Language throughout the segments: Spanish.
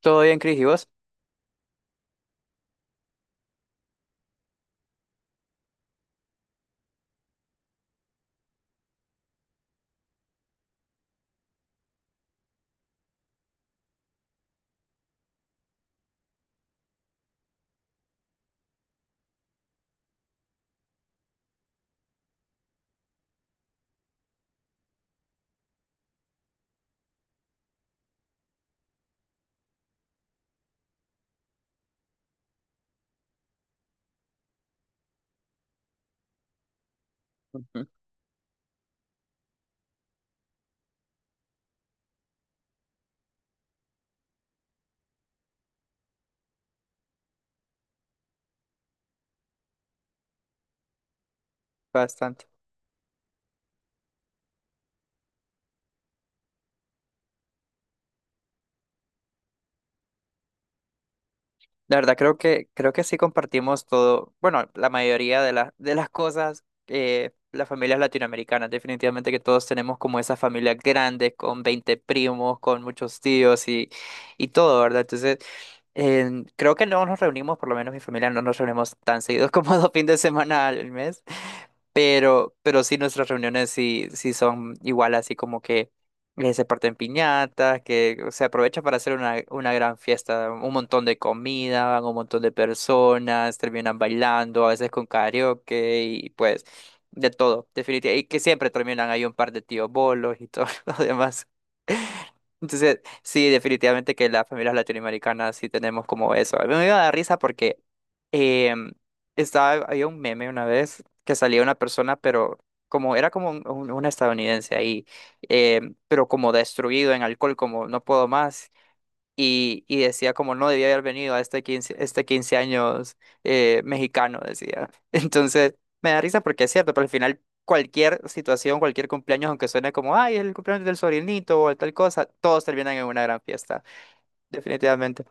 Todo bien, Cris, ¿y vos? Ujú. Bastante. La verdad, creo que sí compartimos todo, bueno, la mayoría de las cosas, las familias latinoamericanas, definitivamente que todos tenemos como esas familias grandes, con 20 primos, con muchos tíos y todo, ¿verdad? Entonces, creo que no nos reunimos, por lo menos mi familia no nos reunimos tan seguidos como 2 fines de semana al mes. Pero sí, nuestras reuniones sí, sí son igual, así como que se parten piñatas, que se aprovecha para hacer una gran fiesta, un montón de comida, van un montón de personas, terminan bailando, a veces con karaoke y pues de todo, definitivamente. Y que siempre terminan ahí un par de tíos bolos y todo lo demás. Entonces, sí, definitivamente que las familias latinoamericanas sí tenemos como eso. A mí me iba a dar risa porque em, estaba, había un meme una vez que salía una persona, pero como era como un estadounidense ahí, pero como destruido en alcohol, como no puedo más, y decía como no debía haber venido a este 15 años mexicano, decía. Entonces, me da risa porque es cierto, pero al final cualquier situación, cualquier cumpleaños, aunque suene como, ay, el cumpleaños del sobrinito o tal cosa, todos terminan en una gran fiesta, definitivamente.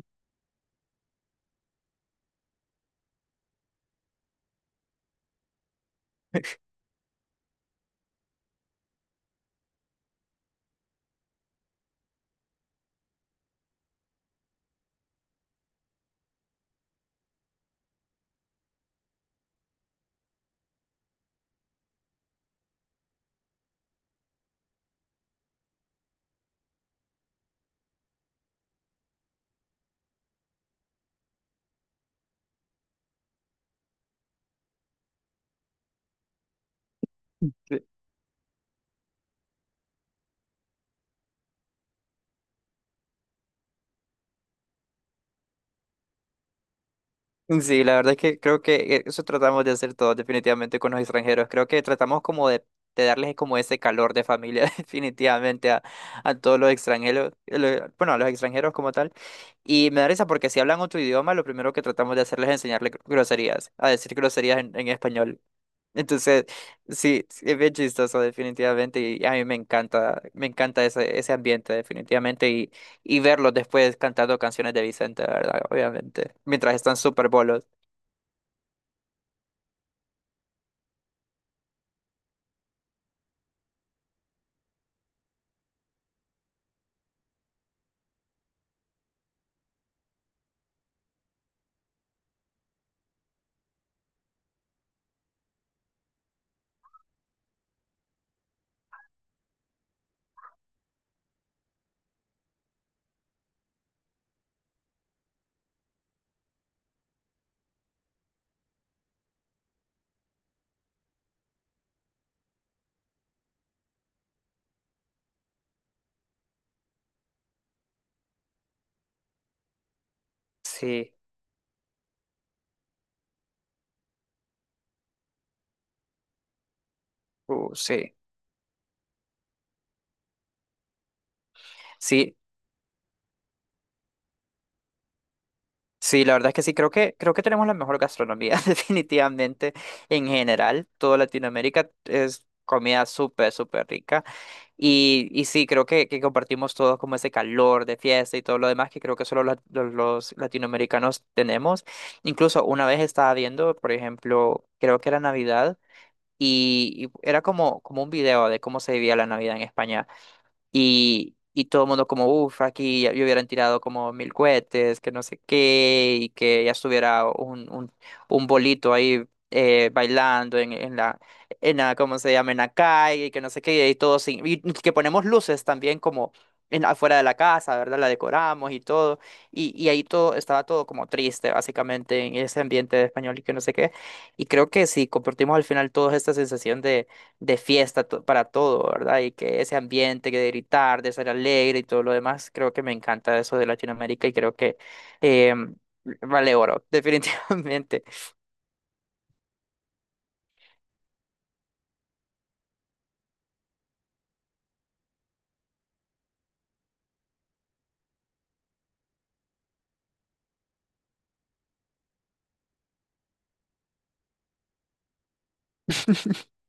Sí, la verdad es que creo que eso tratamos de hacer todos definitivamente con los extranjeros. Creo que tratamos como de, darles como ese calor de familia definitivamente a todos los extranjeros, bueno, a los extranjeros como tal. Y me da risa porque si hablan otro idioma, lo primero que tratamos de hacerles es enseñarles groserías, a decir groserías en, español. Entonces, sí, sí, es bien chistoso definitivamente y a mí me encanta ese, ambiente definitivamente y verlos después cantando canciones de Vicente, ¿verdad? Obviamente, mientras están súper bolos. Sí, sí, sí, sí, la verdad es que sí, creo que, tenemos la mejor gastronomía, definitivamente, en general, toda Latinoamérica es comida súper, súper rica, y, sí, creo que compartimos todos como ese calor de fiesta y todo lo demás que creo que solo los latinoamericanos tenemos, incluso una vez estaba viendo, por ejemplo, creo que era Navidad, y era como, como un video de cómo se vivía la Navidad en España. Y, todo el mundo como, uff, aquí ya, ya hubieran tirado como 1000 cohetes, que no sé qué, y que ya estuviera un bolito ahí bailando en la, ¿cómo se llama? En la calle, y que no sé qué, y todo sin, y que ponemos luces también como afuera de la casa, ¿verdad? La decoramos y todo, y ahí todo, estaba todo como triste, básicamente, en ese ambiente de español y que no sé qué, y creo que si compartimos al final toda esta sensación de fiesta para todo, ¿verdad? Y que ese ambiente que de gritar, de ser alegre y todo lo demás, creo que me encanta eso de Latinoamérica y creo que eh, vale oro, definitivamente.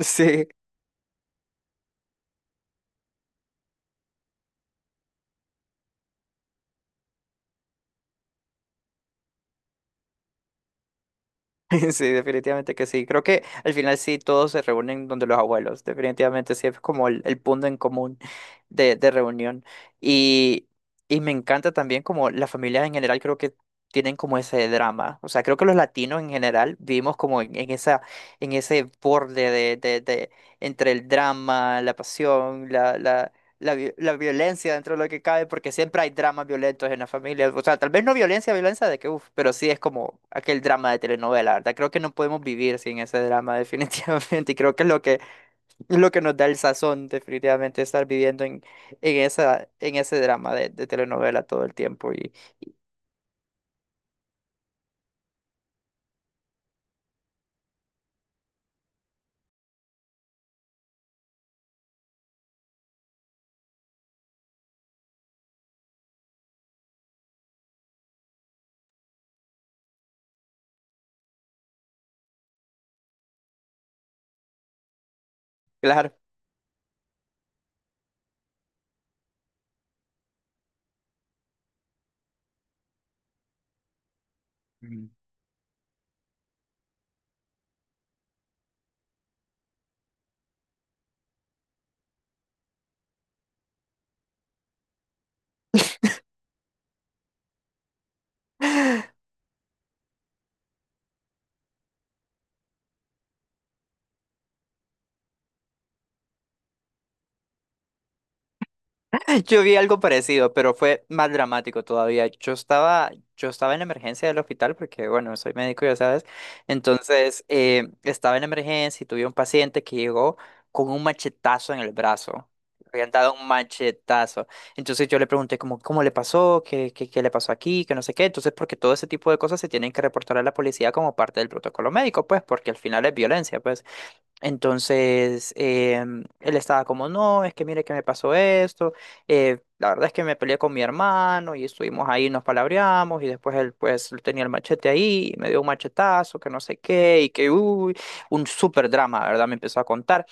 Sí. Sí, definitivamente que sí. Creo que al final sí todos se reúnen donde los abuelos. Definitivamente sí es como el punto en común de, reunión. Y, y me encanta también como las familias en general creo que tienen como ese drama. O sea, creo que los latinos en general vivimos como en ese borde de entre el drama, la pasión, la violencia dentro de lo que cabe, porque siempre hay dramas violentos en la familia. O sea, tal vez no violencia, violencia de que, uff, pero sí es como aquel drama de telenovela, ¿verdad? Creo que no podemos vivir sin ese drama, definitivamente. Y creo que es lo que, nos da el sazón, definitivamente, estar viviendo en, en ese drama de telenovela todo el tiempo. Y claro. Yo vi algo parecido, pero fue más dramático todavía. Yo estaba en la emergencia del hospital porque, bueno, soy médico, ya sabes. Entonces, estaba en la emergencia y tuve un paciente que llegó con un machetazo en el brazo. Le habían dado un machetazo. Entonces yo le pregunté como, ¿cómo le pasó? ¿Qué le pasó aquí? Que no sé qué. Entonces, porque todo ese tipo de cosas se tienen que reportar a la policía como parte del protocolo médico, pues, porque al final es violencia, pues. Entonces, él estaba como, no, es que mire que me pasó esto, la verdad es que me peleé con mi hermano y estuvimos ahí, nos palabreamos y después él pues él tenía el machete ahí y me dio un machetazo, que no sé qué y que, uy, un súper drama, ¿verdad? Me empezó a contar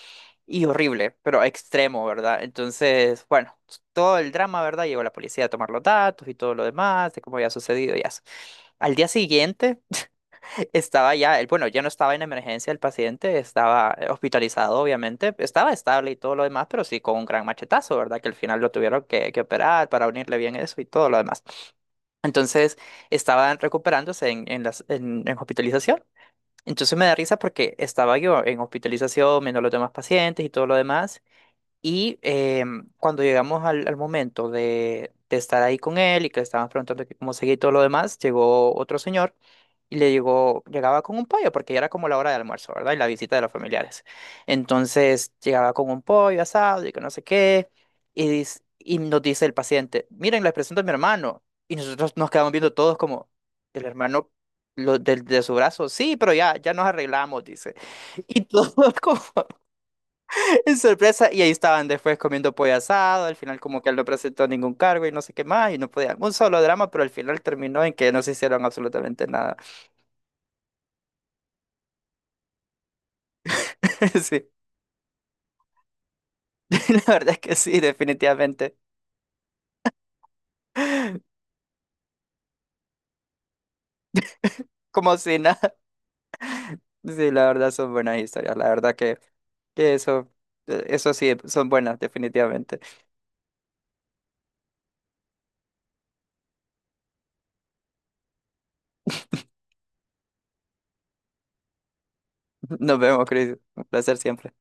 y horrible, pero extremo, ¿verdad? Entonces, bueno, todo el drama, ¿verdad? Llegó la policía a tomar los datos y todo lo demás de cómo había sucedido y así. Al día siguiente estaba ya, él, bueno, ya no estaba en emergencia el paciente, estaba hospitalizado, obviamente, estaba estable y todo lo demás, pero sí con un gran machetazo, ¿verdad? Que al final lo tuvieron que, operar para unirle bien eso y todo lo demás. Entonces, estaban recuperándose en hospitalización. Entonces me da risa porque estaba yo en hospitalización, viendo a los demás pacientes y todo lo demás, y cuando llegamos al, momento de estar ahí con él y que le estaban preguntando que cómo seguía y todo lo demás, llegó otro señor y le llegó, llegaba con un pollo, porque ya era como la hora de almuerzo, ¿verdad? Y la visita de los familiares. Entonces llegaba con un pollo asado y que no sé qué, y, y nos dice el paciente, miren, les presento a mi hermano. Y nosotros nos quedamos viendo todos como, el hermano lo, de, su brazo, sí, pero ya, ya nos arreglamos, dice. Y todos como en sorpresa, y ahí estaban después comiendo pollo asado, al final como que él no presentó ningún cargo y no sé qué más, y no podían, un solo drama, pero al final terminó en que no se hicieron absolutamente nada. Sí, la verdad es que sí, definitivamente, como si nada. Sí, la verdad son buenas historias, la verdad que, que eso sí, son buenas, definitivamente. Nos vemos, Chris, un placer siempre.